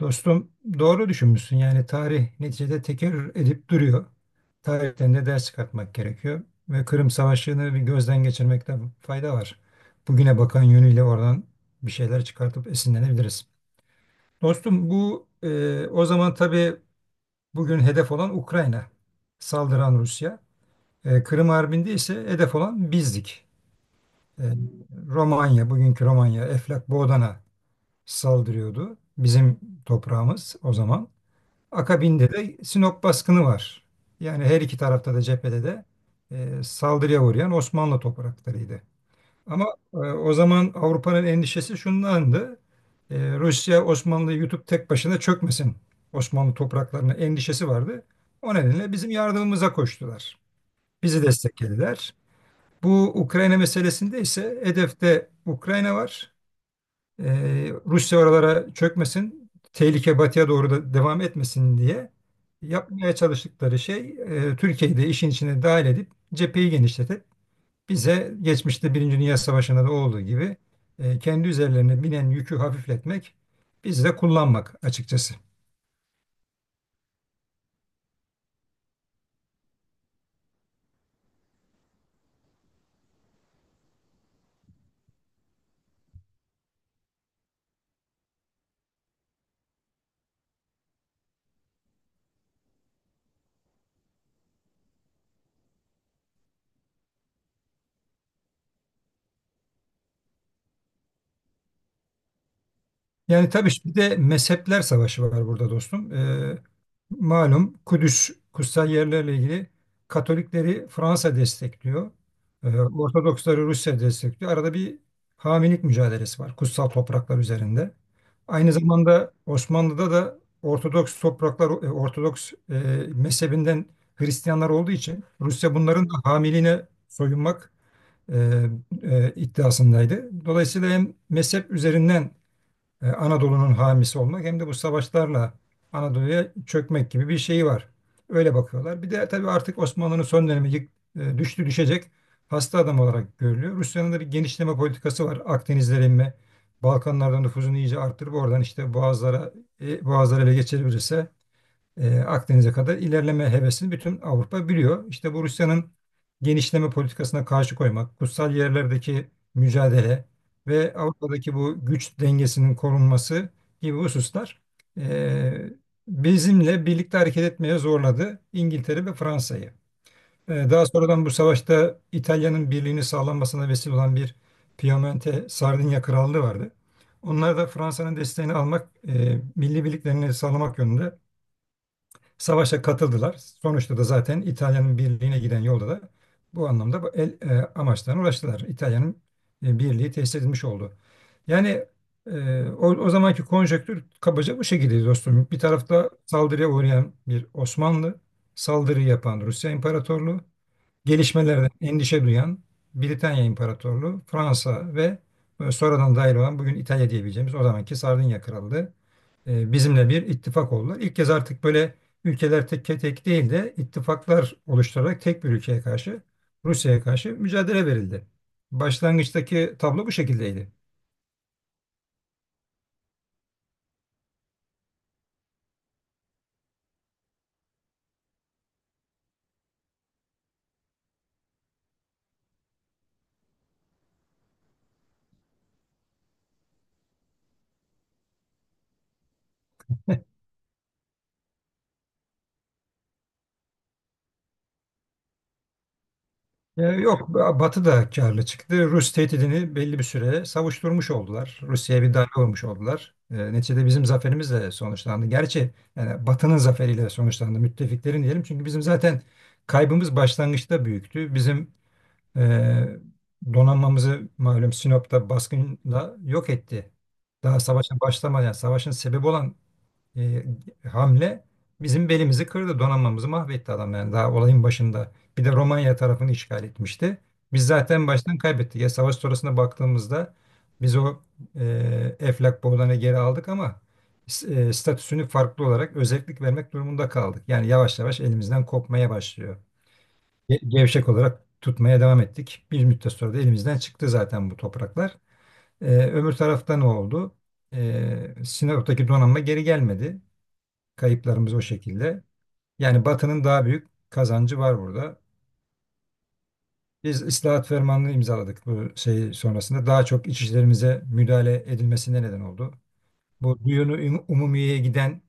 Dostum doğru düşünmüşsün. Yani tarih neticede tekerrür edip duruyor. Tarihten de ders çıkartmak gerekiyor. Ve Kırım Savaşı'nı bir gözden geçirmekte fayda var. Bugüne bakan yönüyle oradan bir şeyler çıkartıp esinlenebiliriz. Dostum bu o zaman tabii bugün hedef olan Ukrayna. Saldıran Rusya. Kırım Harbi'nde ise hedef olan bizdik. E, Romanya, bugünkü Romanya, Eflak Boğdan'a saldırıyordu. Bizim toprağımız o zaman. Akabinde de Sinop baskını var. Yani her iki tarafta da cephede de saldırıya uğrayan Osmanlı topraklarıydı. Ama o zaman Avrupa'nın endişesi şundandı. Rusya Osmanlı'yı yutup tek başına çökmesin, Osmanlı topraklarına endişesi vardı. O nedenle bizim yardımımıza koştular. Bizi desteklediler. Bu Ukrayna meselesinde ise hedefte Ukrayna var. Rusya oralara çökmesin, tehlike batıya doğru da devam etmesin diye yapmaya çalıştıkları şey Türkiye'yi de işin içine dahil edip cepheyi genişletip bize, geçmişte Birinci Dünya Savaşı'nda da olduğu gibi, kendi üzerlerine binen yükü hafifletmek, biz de kullanmak açıkçası. Yani tabii bir de mezhepler savaşı var burada dostum. Malum Kudüs, kutsal yerlerle ilgili Katolikleri Fransa destekliyor. Ortodoksları Rusya destekliyor. Arada bir hamilik mücadelesi var kutsal topraklar üzerinde. Aynı zamanda Osmanlı'da da Ortodoks topraklar, Ortodoks mezhebinden Hristiyanlar olduğu için Rusya bunların da hamiliğine soyunmak e, iddiasındaydı. Dolayısıyla hem mezhep üzerinden Anadolu'nun hamisi olmak hem de bu savaşlarla Anadolu'ya çökmek gibi bir şeyi var. Öyle bakıyorlar. Bir de tabii artık Osmanlı'nın son dönemi düştü düşecek, hasta adam olarak görülüyor. Rusya'nın da bir genişleme politikası var. Akdenizlere inme, Balkanlardan nüfuzunu iyice arttırıp oradan işte Boğazlara, Boğazları ele geçirebilirse Akdeniz'e kadar ilerleme hevesini bütün Avrupa biliyor. İşte bu Rusya'nın genişleme politikasına karşı koymak, kutsal yerlerdeki mücadele ve Avrupa'daki bu güç dengesinin korunması gibi hususlar, e, bizimle birlikte hareket etmeye zorladı İngiltere ve Fransa'yı. Daha sonradan bu savaşta İtalya'nın birliğini sağlanmasına vesile olan bir Piemonte Sardinya Krallığı vardı. Onlar da Fransa'nın desteğini almak, milli birliklerini sağlamak yönünde savaşa katıldılar. Sonuçta da zaten İtalya'nın birliğine giden yolda da bu anlamda amaçlarına ulaştılar. İtalya'nın birliği tesis edilmiş oldu. Yani o zamanki konjonktür kabaca bu şekilde dostum. Bir tarafta saldırıya uğrayan bir Osmanlı, saldırı yapan Rusya İmparatorluğu, gelişmelerden endişe duyan Britanya İmparatorluğu, Fransa ve sonradan dahil olan bugün İtalya diyebileceğimiz o zamanki Sardinya Krallığı bizimle bir ittifak oldular. İlk kez artık böyle ülkeler tek tek değil de ittifaklar oluşturarak tek bir ülkeye karşı, Rusya'ya karşı mücadele verildi. Başlangıçtaki tablo bu şekildeydi. Yok, Batı da karlı çıktı. Rus tehdidini belli bir süre savuşturmuş oldular. Rusya'ya bir darbe vurmuş oldular. Neticede bizim zaferimizle sonuçlandı. Gerçi yani Batı'nın zaferiyle sonuçlandı. Müttefiklerin diyelim. Çünkü bizim zaten kaybımız başlangıçta büyüktü. Bizim Ee, donanmamızı malum Sinop'ta baskınla yok etti. Daha savaşa başlamadan, yani savaşın sebebi olan e, hamle bizim belimizi kırdı, donanmamızı mahvetti adam, yani daha olayın başında. Bir de Romanya tarafını işgal etmişti. Biz zaten baştan kaybettik. Ya savaş sonrasına baktığımızda biz Eflak Boğdan'ı geri aldık ama statüsünü farklı olarak özellik vermek durumunda kaldık. Yani yavaş yavaş elimizden kopmaya başlıyor, gevşek olarak tutmaya devam ettik. Bir müddet sonra da elimizden çıktı zaten bu topraklar. Öbür tarafta ne oldu? Sinop'taki donanma geri gelmedi. Kayıplarımız o şekilde. Yani Batı'nın daha büyük kazancı var burada. Biz ıslahat fermanını imzaladık bu şey sonrasında. Daha çok iç işlerimize müdahale edilmesine neden oldu. Bu Umumiye'ye giden,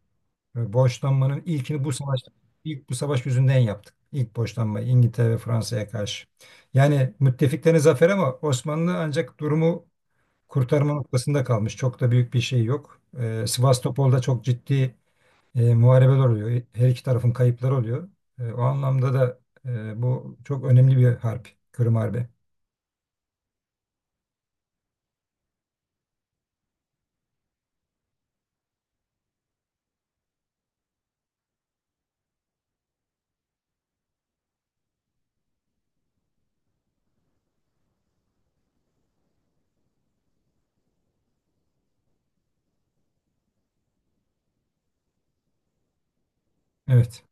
Borçlanmanın ilkini bu savaş ilk bu savaş yüzünden yaptık. İlk borçlanma İngiltere ve Fransa'ya karşı. Yani müttefiklerin zaferi ama Osmanlı ancak durumu kurtarma noktasında kalmış. Çok da büyük bir şey yok. E, Sivastopol'da çok ciddi muharebeler oluyor. Her iki tarafın kayıpları oluyor. O anlamda da bu çok önemli bir harp. Kırım Harbi. Evet.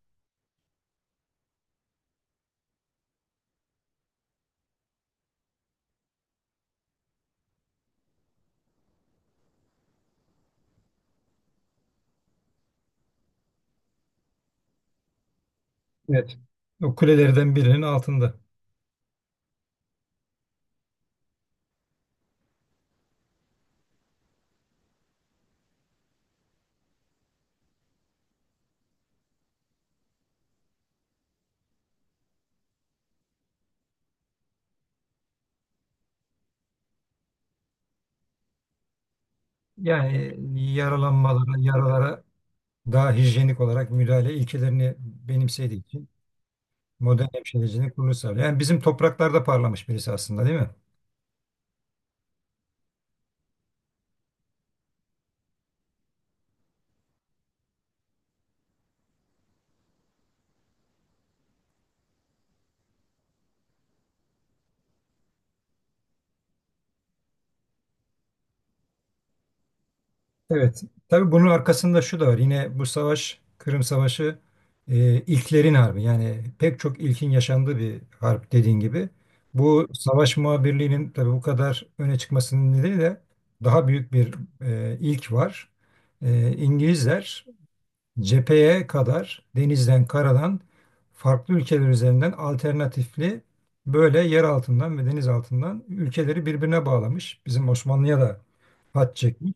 Evet. O kulelerden birinin altında. Yani yaralanmalara, yaralara daha hijyenik olarak müdahale ilkelerini benimsediği için modern hemşirecilik bunu sağlıyor. Yani bizim topraklarda parlamış birisi aslında, değil mi? Evet. Tabii bunun arkasında şu da var. Yine bu savaş, Kırım Savaşı, ilklerin harbi. Yani pek çok ilkin yaşandığı bir harp dediğin gibi. Bu savaş muhabirliğinin tabii bu kadar öne çıkmasının nedeni de daha büyük bir ilk var. E, İngilizler cepheye kadar denizden, karadan farklı ülkeler üzerinden alternatifli, böyle yer altından ve deniz altından ülkeleri birbirine bağlamış. Bizim Osmanlı'ya da hat çekmiş.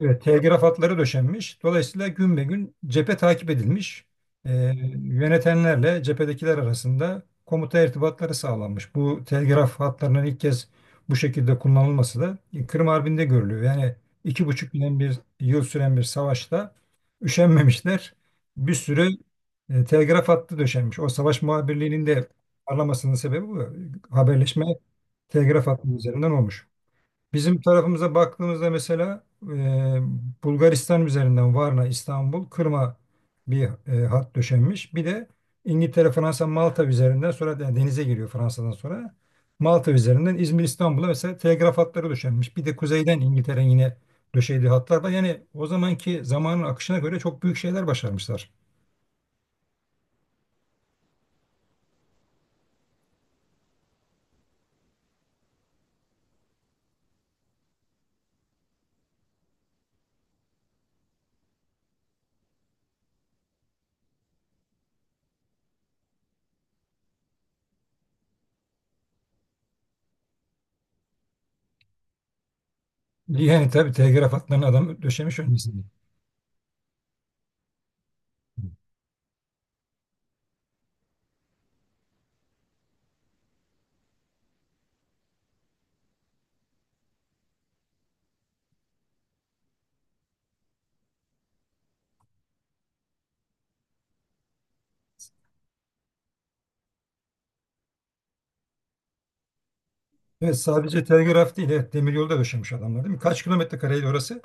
Evet, telgraf hatları döşenmiş. Dolayısıyla gün be gün cephe takip edilmiş. Ee, Yönetenlerle cephedekiler arasında komuta irtibatları sağlanmış. Bu telgraf hatlarının ilk kez bu şekilde kullanılması da Kırım Harbi'nde görülüyor. Yani 2,5 yıl, bir yıl süren bir savaşta üşenmemişler. Bir sürü telgraf hattı döşenmiş. O savaş muhabirliğinin de parlamasının sebebi bu. Haberleşme telgraf hattı üzerinden olmuş. Bizim tarafımıza baktığımızda mesela Bulgaristan üzerinden Varna, İstanbul, Kırım'a bir hat döşenmiş. Bir de İngiltere, Fransa, Malta üzerinden sonra, yani denize giriyor Fransa'dan sonra. Malta üzerinden İzmir, İstanbul'a mesela telgraf hatları döşenmiş. Bir de kuzeyden İngiltere'nin yine döşediği hatlar var. Yani o zamanki zamanın akışına göre çok büyük şeyler başarmışlar. Yani tabii telgraf hatlarını adam döşemiş öncesinde. Evet, sadece telgraf değil, evet, demir yolu da döşemiş adamlar, değil mi? Kaç kilometre kareydi orası?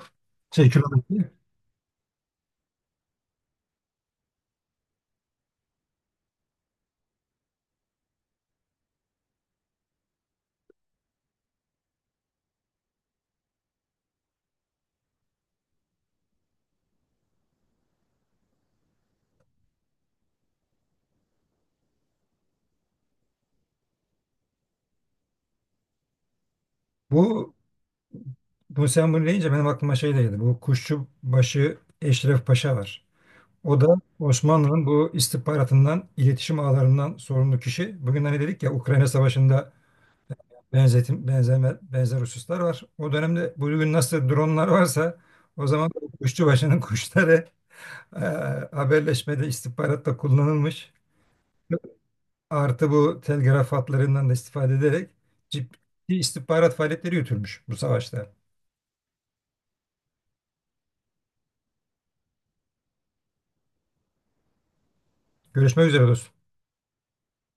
Şey kilometre. Bu bu sen bunu deyince benim aklıma şey geldi. Bu Kuşçubaşı Eşref Paşa var. O da Osmanlı'nın bu istihbaratından, iletişim ağlarından sorumlu kişi. Bugün hani dedik ya, Ukrayna Savaşı'nda benzer hususlar var. O dönemde bugün nasıl dronlar varsa o zaman Kuşçubaşı'nın kuşları e, haberleşmede, istihbaratta kullanılmış. Artı bu telgraf hatlarından da istifade ederek ciddi istihbarat faaliyetleri yürütülmüş bu savaşta. Görüşmek üzere dostum.